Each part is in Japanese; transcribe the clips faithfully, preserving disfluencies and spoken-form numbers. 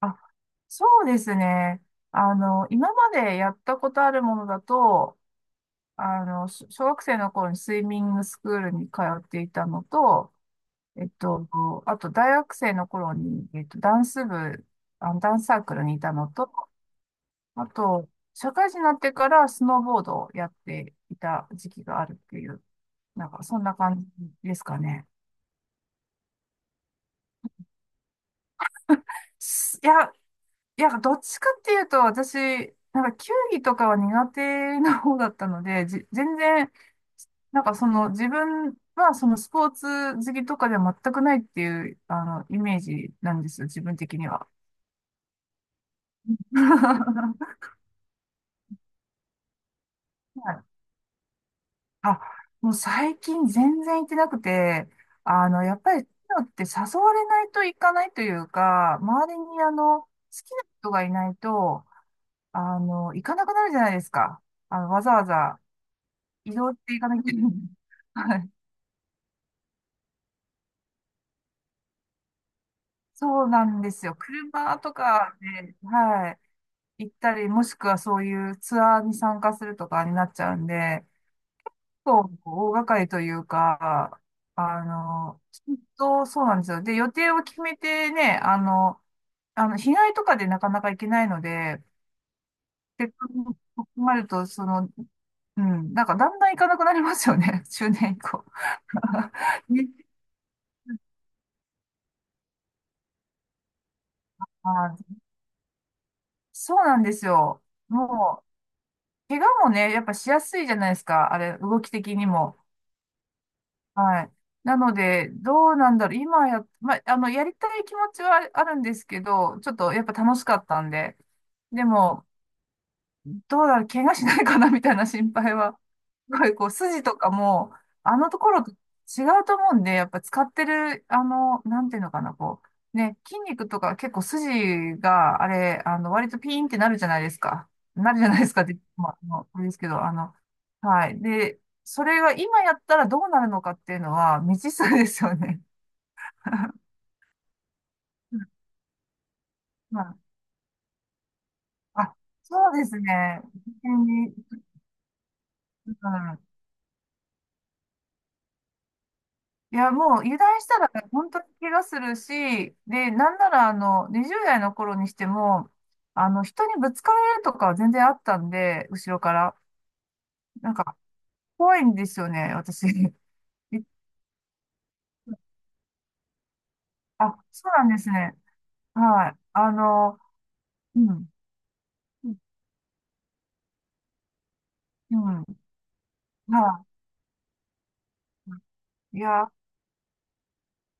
あそうですね。あの、今までやったことあるものだと、あの、し小学生の頃にスイミングスクールに通っていたのと、えっと、あと大学生の頃に、えっと、ダンス部、あの、ダンスサークルにいたのと、あと、社会人になってからスノーボードをやっていた時期があるっていう、なんかそんな感じですかね。すいや、いや、どっちかっていうと、私、なんか球技とかは苦手な方だったので、じ、全然、なんかその自分はそのスポーツ好きとかでは全くないっていう、あの、イメージなんですよ、自分的には。はい。あ、もう最近全然行ってなくて、あの、やっぱり、そういうのって誘われないと行かないというか、周りにあの、好きな人がいないと、あの、行かなくなるじゃないですか。あの、わざわざ移動していかなきゃいけない。はい。そうなんですよ。車とかで、はい、行ったり、もしくはそういうツアーに参加するとかになっちゃうんで、そう、大掛かりというか、あの、きっとそうなんですよ。で、予定を決めてね、あの、あの、日帰りとかでなかなか行けないので、せっかく困ると、その、うん、なんかだんだん行かなくなりますよね、中年以降。ね、あ、そうなんですよ。もう、怪我もね、やっぱしやすいじゃないですか。あれ、動き的にも。はい。なので、どうなんだろう。今や、まあ、あの、やりたい気持ちはあるんですけど、ちょっとやっぱ楽しかったんで。でも、どうだろう、怪我しないかなみたいな心配は、すごいこう、筋とかも、あのところと違うと思うんで、やっぱ使ってる、あの、なんていうのかな、こう、ね、筋肉とか結構筋が、あれ、あの、割とピーンってなるじゃないですか。なるじゃないですかって、まあ、あの、あれですけど、あの、はい。で、それが今やったらどうなるのかっていうのは未知数ですよね。まあ、あ、そうですね。本当に。うん。いや、もう油断したら本当に怪我するし、で、なんならあの、にじゅう代の頃にしても、あの、人にぶつかられるとかは全然あったんで、後ろから。なんか、怖いんですよね、私。い、あ、そうなんですね。はい。あの、うん。うん。はい。いや、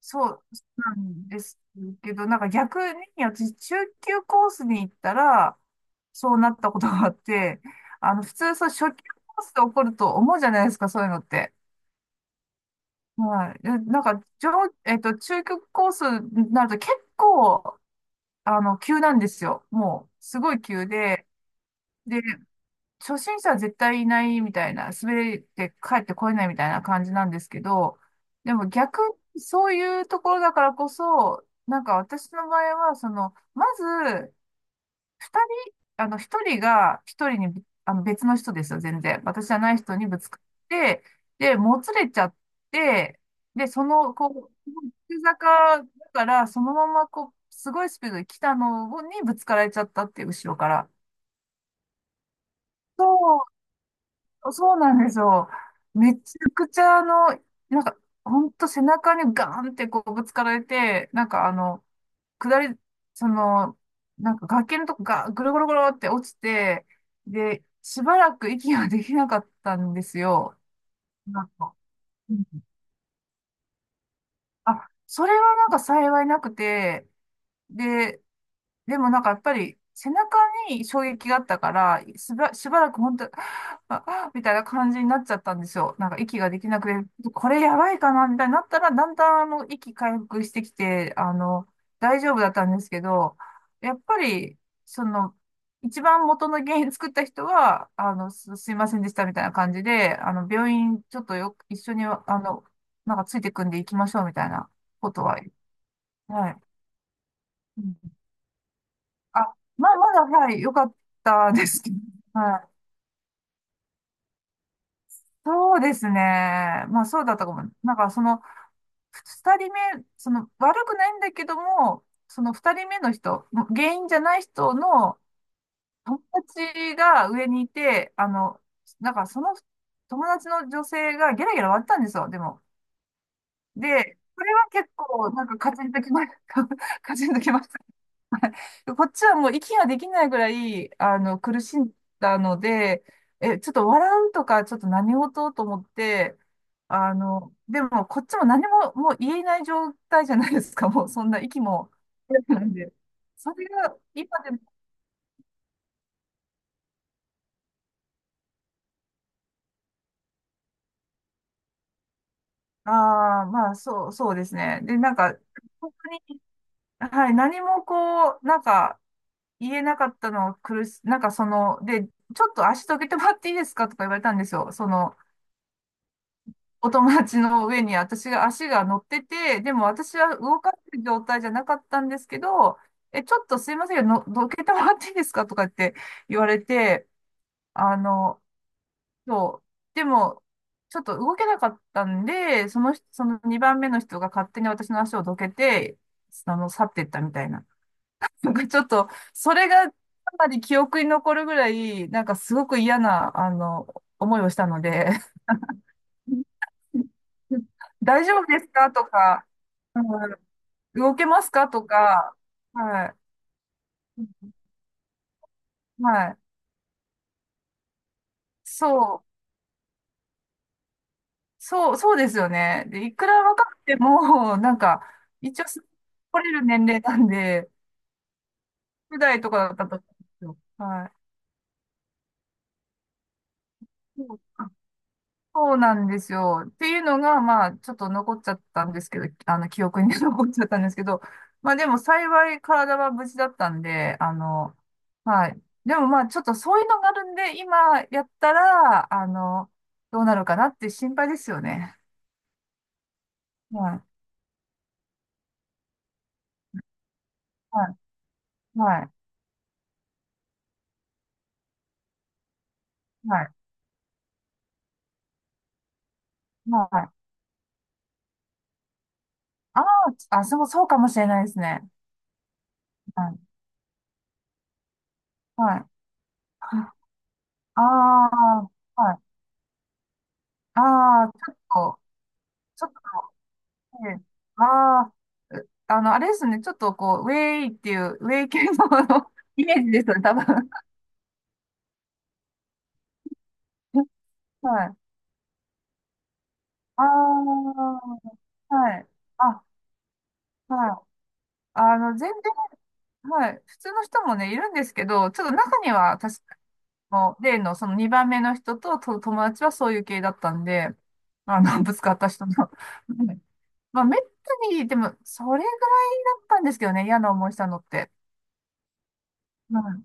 そう、そうなんですけど、なんか逆に私、中級コースに行ったら、そうなったことがあって、あの、普通、そう、初級コースで起こると思うじゃないですか、そういうのって。はい。でなんか、上、えっと、中級コースになると結構、あの、急なんですよ。もう、すごい急で、で、初心者は絶対いないみたいな、滑って帰ってこれないみたいな感じなんですけど、でも逆にそういうところだからこそ、なんか私の場合は、その、まず、二人、あの、一人が一人にぶ、あの、別の人ですよ、全然。私じゃない人にぶつかって、で、もつれちゃって、で、その、こう、急坂だから、そのまま、こう、すごいスピードで来たのにぶつかられちゃったっていう、後ろから。そう、そうなんですよ。めちゃくちゃ、あの、なんか、ほんと背中にガーンってこうぶつかられて、なんかあの、下り、その、なんか崖のとこがぐるぐるぐるって落ちて、で、しばらく息ができなかったんですよ。なんか。うん。あ、それはなんか幸いなくて、で、でもなんかやっぱり背中に衝撃があったから、しば、しばらく本当、あ、あみたいな感じになっちゃったんですよ。なんか息ができなくて、これやばいかなみたいになったら、だんだんあの息回復してきて、あの、大丈夫だったんですけど、やっぱり、その、一番元の原因作った人は、あの、す、すいませんでしたみたいな感じで、あの、病院ちょっとよ、一緒に、あの、なんかついてくんで行きましょうみたいなことは、はい。うん。あ、まあ、まだ、はい、良かったですけど。はい。そうですね。まあ、そうだったかも。なんか、その、二人目、その、悪くないんだけども、その二人目の人、原因じゃない人の友達が上にいて、あの、なんか、その友達の女性がゲラゲラ割ったんですよ、でも。で、これは結構、なんか、カチンときま、カチンときまし。こっちはもう息ができないぐらい、あの、苦しんだので、え、ちょっと笑うとか、ちょっと何事と思って、あの、でも、こっちも何ももう言えない状態じゃないですか、もう、そんな息も。なんで、それが、今でも、ああ、まあ、そう、そうですね。で、なんか、本当に、はい、何もこう、なんか、言えなかったのは苦し、なんかその、で、ちょっと足どけてもらっていいですかとか言われたんですよ。その、お友達の上に私が足が乗ってて、でも私は動かせる状態じゃなかったんですけど、え、ちょっとすいませんけど、のどけてもらっていいですかとかって言われて、あの、そう。でも、ちょっと動けなかったんで、その人、そのにばんめの人が勝手に私の足をどけて、あの、去っていったみたいな。なんかちょっと、それがかなり記憶に残るぐらい、なんかすごく嫌な、あの、思いをしたので、大丈夫ですかとか、うん、動けますかとか、はい。はい。そう、そう、そうですよね。で、いくら若くても、なんか、一応、来れる年齢なんで、じゅう代とかだったと思うんですよ。はい。そうそうなんですよ。っていうのが、まあ、ちょっと残っちゃったんですけど、あの、記憶に 残っちゃったんですけど、まあでも幸い体は無事だったんで、あの、はい。でもまあ、ちょっとそういうのがあるんで、今やったら、あの、どうなるかなって心配ですよね。はい。はい。はい。はい。はい。ああ、あ、そう、そうかもしれないですね。はい。はい。ああ、はい。ああ、ちょっと、ちょっとええ。ああ、う、あの、あれですね。ちょっとこう、ウェイっていう、ウェイ系の イメージですよね、多分。はい。ああ、はい。あ、はい。あの、全然、はい。普通の人もね、いるんですけど、ちょっと中には、確かの例のそのにばんめの人と、と友達はそういう系だったんで、あの、ぶつかった人の。はい。まあ、めったに、でも、それぐらいだったんですけどね、嫌な思いしたのって。うん。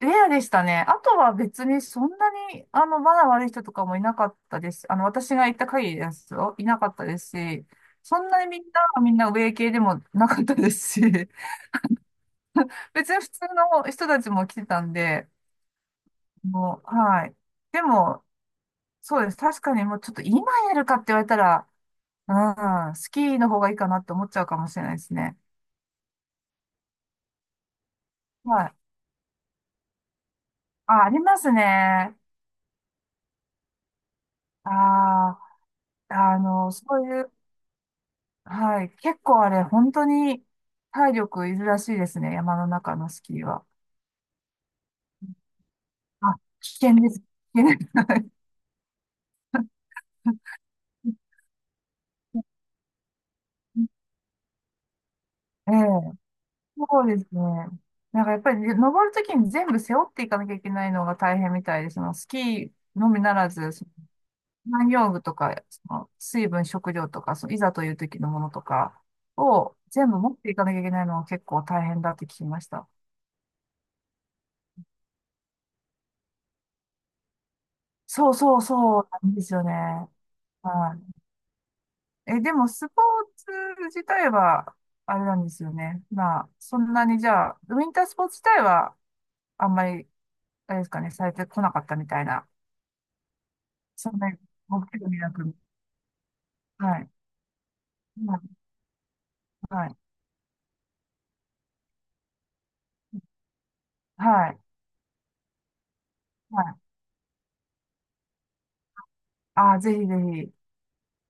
レアでしたね。あとは別にそんなに、あの、マナー悪い人とかもいなかったです。あの、私が行った限りですよ。いなかったですし、そんなにみんな、みんな上系でもなかったですし、別に普通の人たちも来てたんで、もう、はい。でも、そうです。確かにもうちょっと今やるかって言われたら、うん、スキーの方がいいかなって思っちゃうかもしれないですね。はい。あ、ありますね。ああ、あの、そういうはい。結構あれ、本当に体力いるらしいですね。山の中のスキーは。あ、危険です。危険です。ええ、そうですね。なんかやっぱり登るときに全部背負っていかなきゃいけないのが大変みたいです。そのスキーのみならず、その農業具とか、その水分、食料とか、そのいざという時のものとかを全部持っていかなきゃいけないのが結構大変だって聞きました。そうそうそうなんですよね。はい。え、でも、スポーツ自体は、あれなんですよね。まあ、そんなにじゃあ、ウィンタースポーツ自体は、あんまり、あれですかね、されてこなかったみたいな、そんなにご興味なく、はい。はい。はい。はい。はい。ああ、ぜひぜひ。